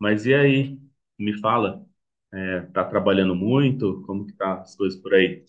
Mas e aí? Me fala, tá trabalhando muito? Como que tá as coisas por aí?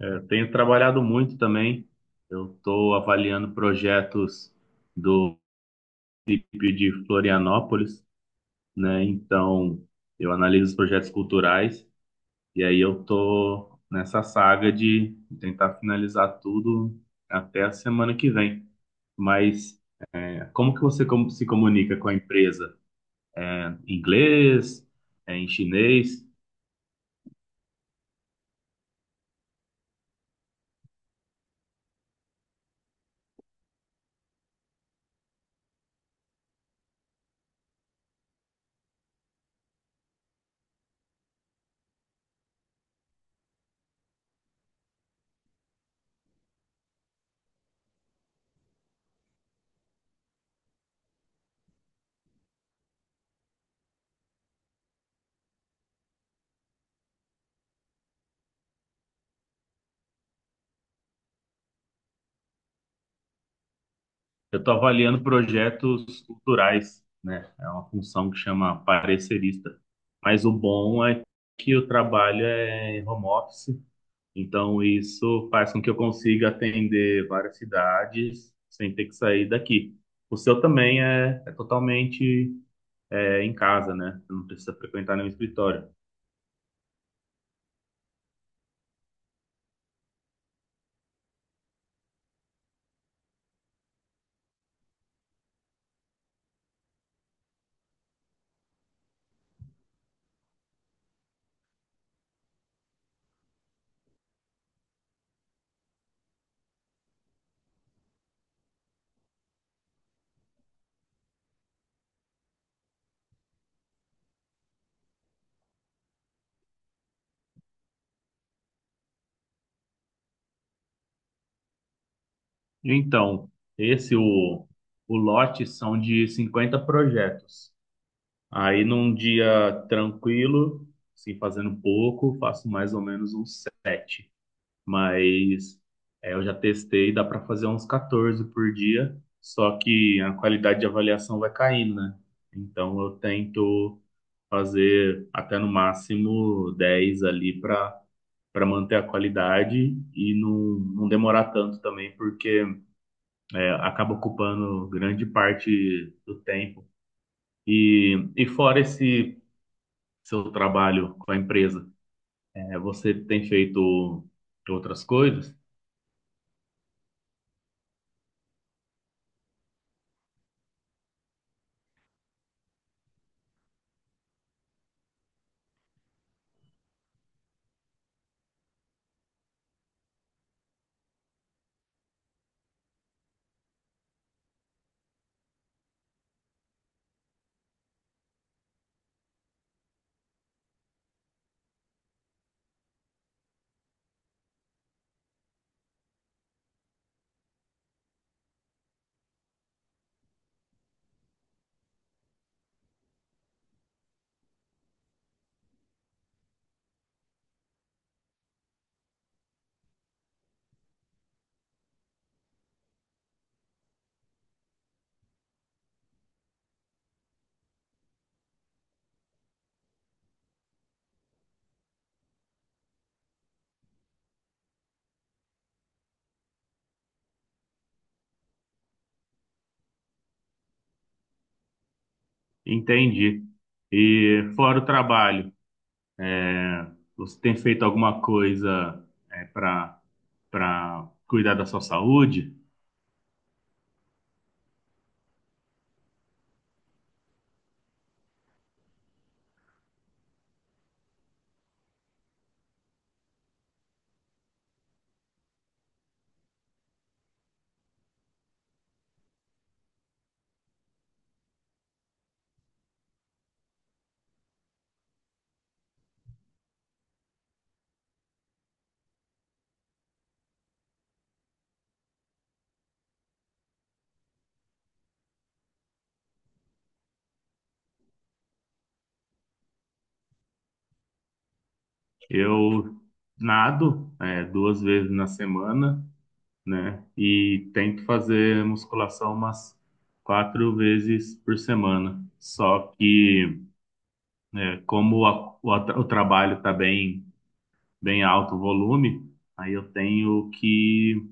Eu tenho trabalhado muito também. Eu estou avaliando projetos do município de Florianópolis, né? Então, eu analiso os projetos culturais e aí eu estou nessa saga de tentar finalizar tudo até a semana que vem. Mas como que se comunica com a empresa? Em inglês? Em chinês? Eu estou avaliando projetos culturais, né? É uma função que chama parecerista. Mas o bom é que o trabalho é em home office, então isso faz com que eu consiga atender várias cidades sem ter que sair daqui. O seu também é, é totalmente em casa, né? Você não precisa frequentar nenhum escritório. Então, esse, o, o lote são de 50 projetos. Aí num dia tranquilo, assim, fazendo pouco, faço mais ou menos uns sete. Mas eu já testei, dá para fazer uns 14 por dia, só que a qualidade de avaliação vai caindo, né? Então eu tento fazer até no máximo 10 ali para manter a qualidade e não, não demorar tanto também, porque acaba ocupando grande parte do tempo. E fora esse seu trabalho com a empresa? É, você tem feito outras coisas? Entendi. E fora o trabalho, você tem feito alguma coisa para cuidar da sua saúde? Eu nado duas vezes na semana, né? E tento fazer musculação umas quatro vezes por semana. Só que como o trabalho está bem alto o volume, aí eu tenho que.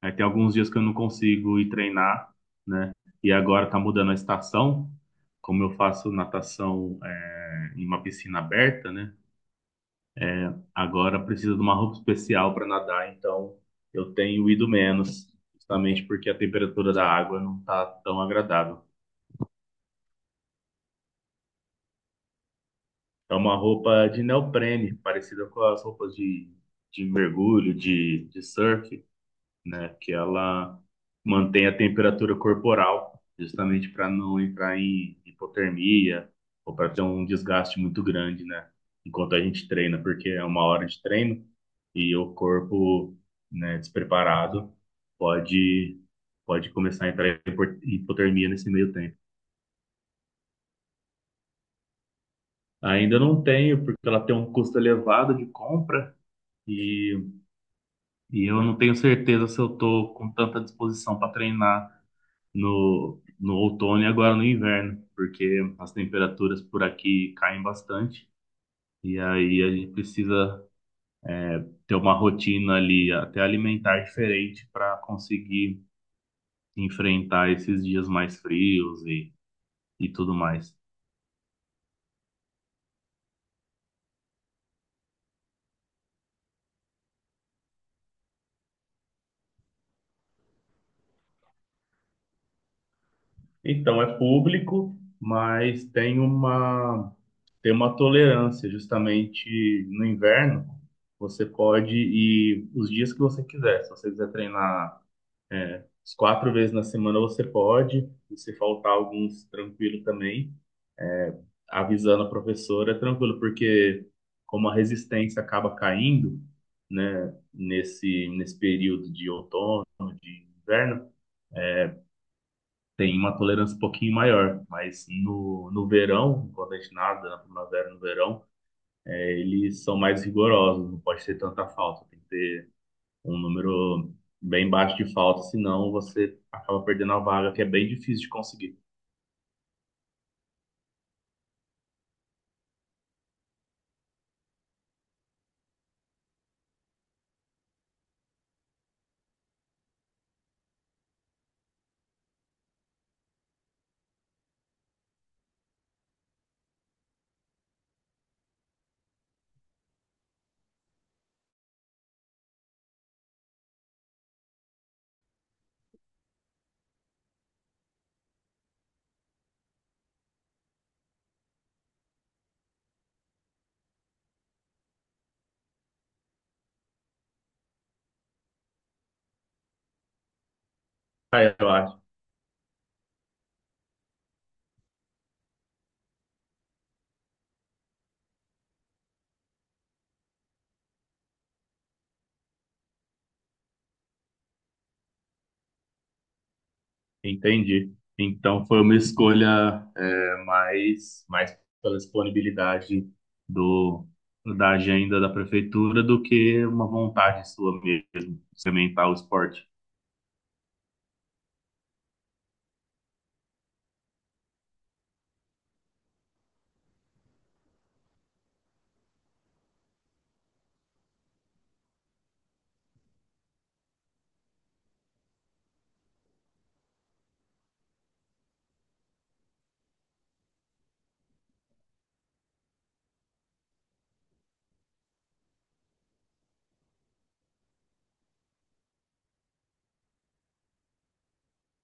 Aí tem alguns dias que eu não consigo ir treinar, né? E agora tá mudando a estação, como eu faço natação em uma piscina aberta, né? Agora precisa de uma roupa especial para nadar, então eu tenho ido menos, justamente porque a temperatura da água não tá tão agradável. É uma roupa de neoprene, parecida com as roupas de mergulho, de surf, né? Que ela mantém a temperatura corporal, justamente para não entrar em hipotermia ou para ter um desgaste muito grande, né? Enquanto a gente treina, porque é uma hora de treino e o corpo, né, despreparado pode pode começar a entrar em hipotermia nesse meio tempo. Ainda não tenho, porque ela tem um custo elevado de compra e, e eu não tenho certeza se eu estou com tanta disposição para treinar no outono e agora no inverno, porque as temperaturas por aqui caem bastante e aí a gente precisa ter uma rotina ali, até alimentar diferente para conseguir enfrentar esses dias mais frios e tudo mais. Então é público, mas tem uma tolerância justamente no inverno. Você pode ir os dias que você quiser. Se você quiser treinar as quatro vezes na semana você pode, e se faltar alguns, tranquilo também. Avisando a professora, é tranquilo, porque como a resistência acaba caindo, né, nesse período de outono, de inverno, tem uma tolerância um pouquinho maior. Mas no verão, quando a gente nada na primavera, no verão, eles são mais rigorosos, não pode ter tanta falta, tem que ter um número bem baixo de falta, senão você acaba perdendo a vaga, que é bem difícil de conseguir. Ah, eu acho Entendi. Então foi uma escolha mais pela disponibilidade do, da agenda da prefeitura do que uma vontade sua mesmo, de sementar o esporte.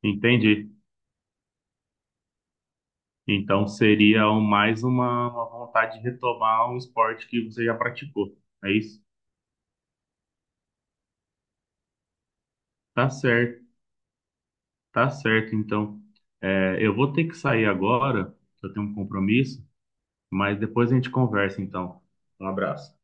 Entendi. Então seria uma vontade de retomar um esporte que você já praticou. É isso? Tá certo, tá certo. Então é, eu vou ter que sair agora, eu tenho um compromisso, mas depois a gente conversa, então. Um abraço.